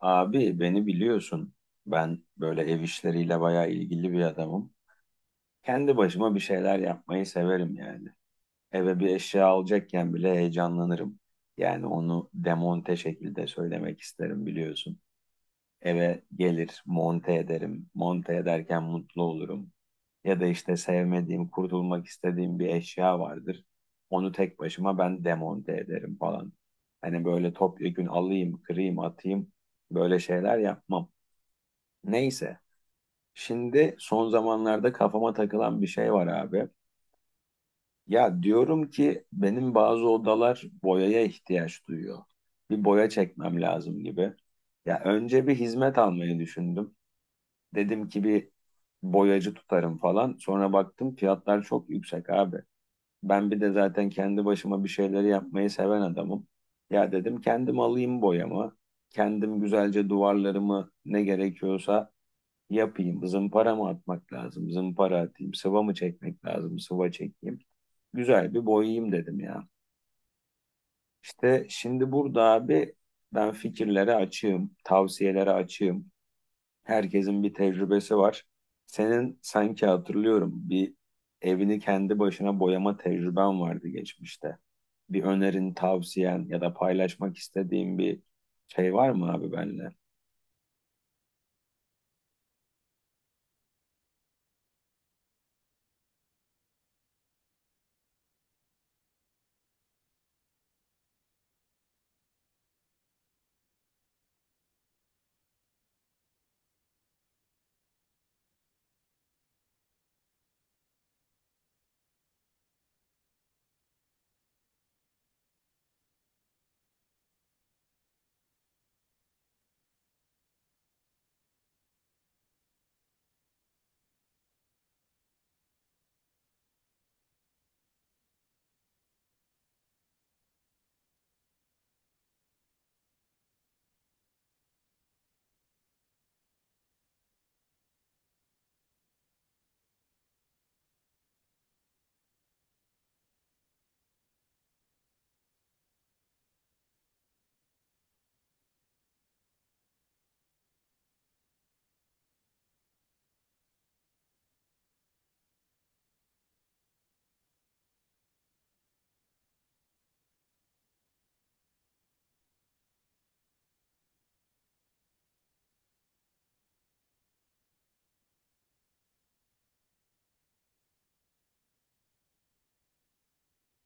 Abi beni biliyorsun. Ben böyle ev işleriyle bayağı ilgili bir adamım. Kendi başıma bir şeyler yapmayı severim yani. Eve bir eşya alacakken bile heyecanlanırım. Yani onu demonte şekilde söylemek isterim biliyorsun. Eve gelir, monte ederim. Monte ederken mutlu olurum. Ya da işte sevmediğim, kurtulmak istediğim bir eşya vardır. Onu tek başıma ben demonte ederim falan. Hani böyle topyekün alayım, kırayım, atayım, böyle şeyler yapmam. Neyse. Şimdi son zamanlarda kafama takılan bir şey var abi. Ya diyorum ki benim bazı odalar boyaya ihtiyaç duyuyor. Bir boya çekmem lazım gibi. Ya önce bir hizmet almayı düşündüm. Dedim ki bir boyacı tutarım falan. Sonra baktım fiyatlar çok yüksek abi. Ben bir de zaten kendi başıma bir şeyleri yapmayı seven adamım. Ya dedim kendim alayım boyamı. Kendim güzelce duvarlarımı ne gerekiyorsa yapayım. Zımpara mı atmak lazım? Zımpara atayım. Sıva mı çekmek lazım? Sıva çekeyim. Güzel bir boyayayım dedim ya. İşte şimdi burada abi, ben fikirlere açığım. Tavsiyelere açığım. Herkesin bir tecrübesi var. Senin sanki hatırlıyorum, bir evini kendi başına boyama tecrüben vardı geçmişte. Bir önerin, tavsiyen ya da paylaşmak istediğin bir şey var mı abi benimle?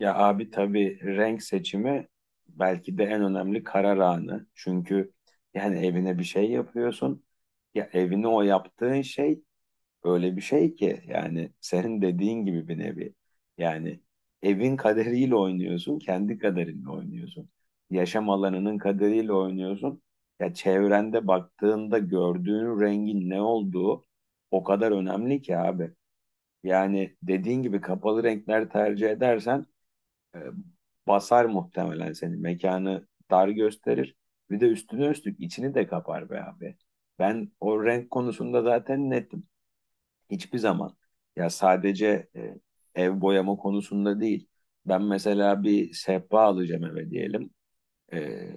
Ya abi tabii renk seçimi belki de en önemli karar anı. Çünkü yani evine bir şey yapıyorsun. Ya evine o yaptığın şey öyle bir şey ki, yani senin dediğin gibi bir nevi. Yani evin kaderiyle oynuyorsun, kendi kaderinle oynuyorsun. Yaşam alanının kaderiyle oynuyorsun. Ya çevrende baktığında gördüğün rengin ne olduğu o kadar önemli ki abi. Yani dediğin gibi kapalı renkler tercih edersen e, basar muhtemelen seni. Mekanı dar gösterir. Bir de üstüne üstlük içini de kapar be abi. Ben o renk konusunda zaten nettim. Hiçbir zaman. Ya sadece ev boyama konusunda değil. Ben mesela bir sehpa alacağım eve diyelim. Ee,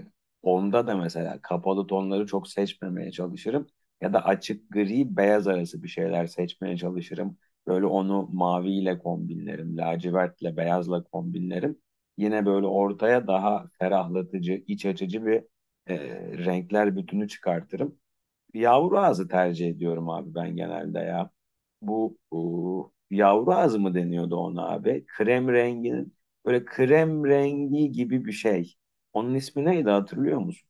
Onda da mesela kapalı tonları çok seçmemeye çalışırım. Ya da açık gri beyaz arası bir şeyler seçmeye çalışırım. Böyle onu maviyle kombinlerim, lacivertle beyazla kombinlerim. Yine böyle ortaya daha ferahlatıcı, iç açıcı bir e, renkler bütünü çıkartırım. Yavru ağzı tercih ediyorum abi ben genelde ya. Bu yavru ağzı mı deniyordu ona abi? Krem renginin böyle krem rengi gibi bir şey. Onun ismi neydi hatırlıyor musun?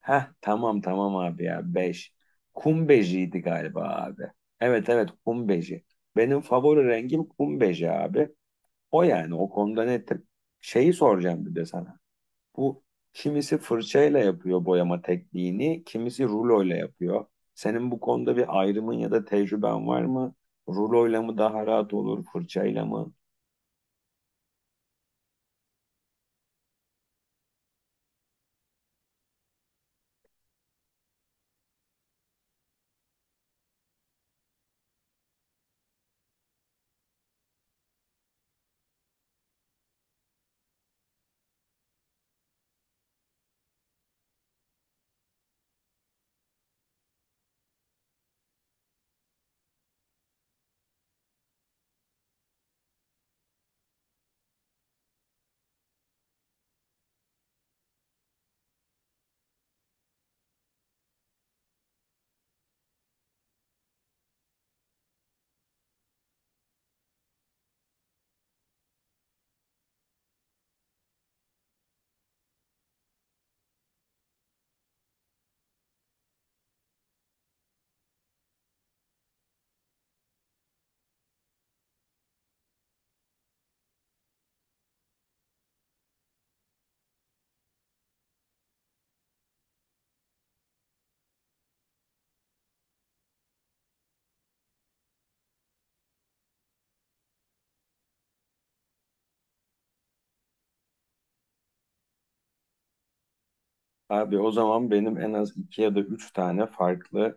Heh, tamam tamam abi ya, 5 kum bejiydi galiba abi. Evet evet, kum beji. Benim favori rengim kum beji abi. O, yani o konuda netim. Şeyi soracağım bir de sana. Bu, kimisi fırçayla yapıyor boyama tekniğini, kimisi ruloyla yapıyor. Senin bu konuda bir ayrımın ya da tecrüben var mı? Ruloyla mı daha rahat olur, fırçayla mı? Abi o zaman benim en az iki ya da üç tane farklı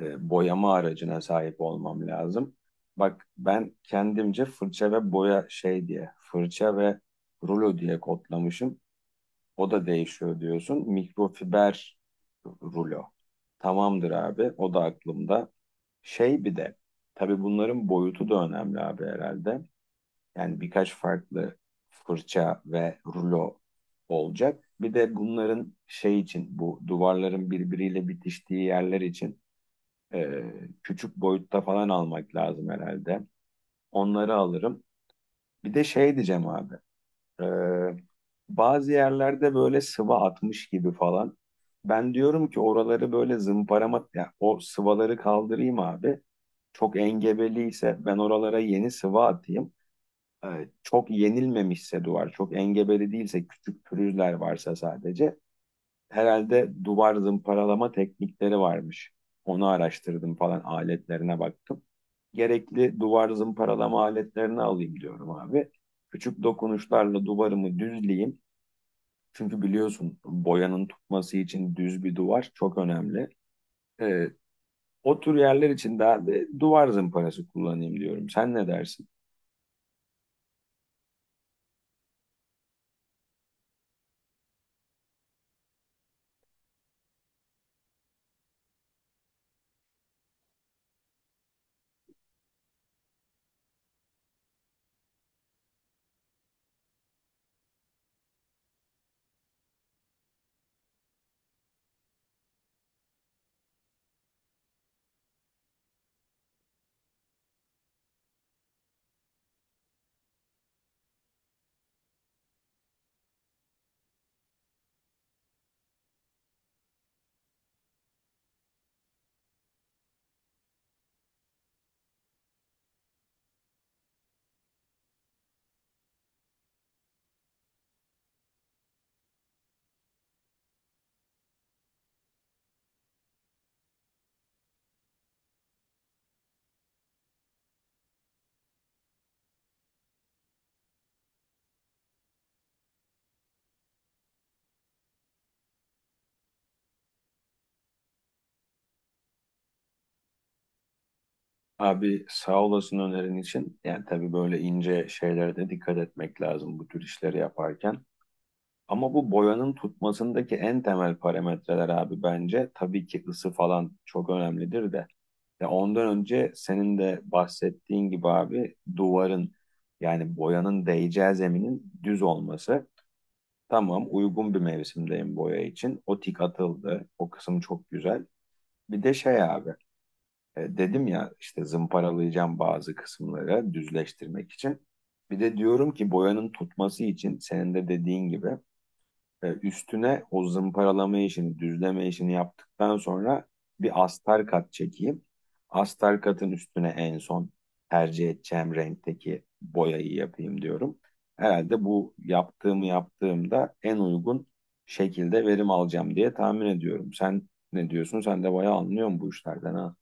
boyama aracına sahip olmam lazım. Bak ben kendimce fırça ve boya şey diye, fırça ve rulo diye kodlamışım. O da değişiyor diyorsun. Mikrofiber rulo. Tamamdır abi, o da aklımda. Şey, bir de tabii bunların boyutu da önemli abi herhalde. Yani birkaç farklı fırça ve rulo olacak. Bir de bunların şey için, bu duvarların birbiriyle bitiştiği yerler için e, küçük boyutta falan almak lazım herhalde. Onları alırım. Bir de şey diyeceğim abi. Ee, Bazı yerlerde böyle sıva atmış gibi falan. Ben diyorum ki oraları böyle zımparama, ya o sıvaları kaldırayım abi. Çok engebeliyse ben oralara yeni sıva atayım. Çok yenilmemişse duvar, çok engebeli değilse, küçük pürüzler varsa sadece, herhalde duvar zımparalama teknikleri varmış. Onu araştırdım falan, aletlerine baktım. Gerekli duvar zımparalama aletlerini alayım diyorum abi. Küçük dokunuşlarla duvarımı düzleyeyim. Çünkü biliyorsun boyanın tutması için düz bir duvar çok önemli. Ee, O tür yerler için de abi duvar zımparası kullanayım diyorum. Sen ne dersin? Abi sağ olasın önerin için. Yani tabii böyle ince şeylere de dikkat etmek lazım bu tür işleri yaparken. Ama bu boyanın tutmasındaki en temel parametreler abi bence tabii ki ısı falan çok önemlidir de. Ya ondan önce senin de bahsettiğin gibi abi duvarın, yani boyanın değeceği zeminin düz olması. Tamam, uygun bir mevsimdeyim boya için. O tik atıldı. O kısım çok güzel. Bir de şey abi, dedim ya işte zımparalayacağım bazı kısımları düzleştirmek için. Bir de diyorum ki boyanın tutması için senin de dediğin gibi, üstüne o zımparalama işini, düzleme işini yaptıktan sonra bir astar kat çekeyim. Astar katın üstüne en son tercih edeceğim renkteki boyayı yapayım diyorum. Herhalde bu yaptığımı yaptığımda en uygun şekilde verim alacağım diye tahmin ediyorum. Sen ne diyorsun? Sen de bayağı anlıyorsun bu işlerden ha.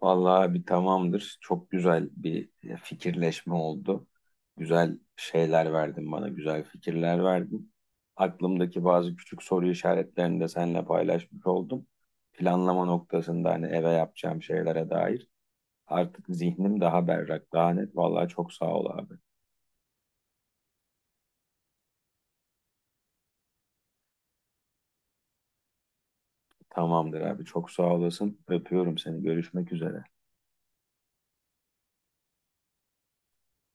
Vallahi bir tamamdır. Çok güzel bir fikirleşme oldu. Güzel şeyler verdin bana, güzel fikirler verdin. Aklımdaki bazı küçük soru işaretlerini de seninle paylaşmış oldum. Planlama noktasında hani eve yapacağım şeylere dair artık zihnim daha berrak, daha net. Vallahi çok sağ ol abi. Tamamdır abi, çok sağ olasın. Öpüyorum seni. Görüşmek üzere.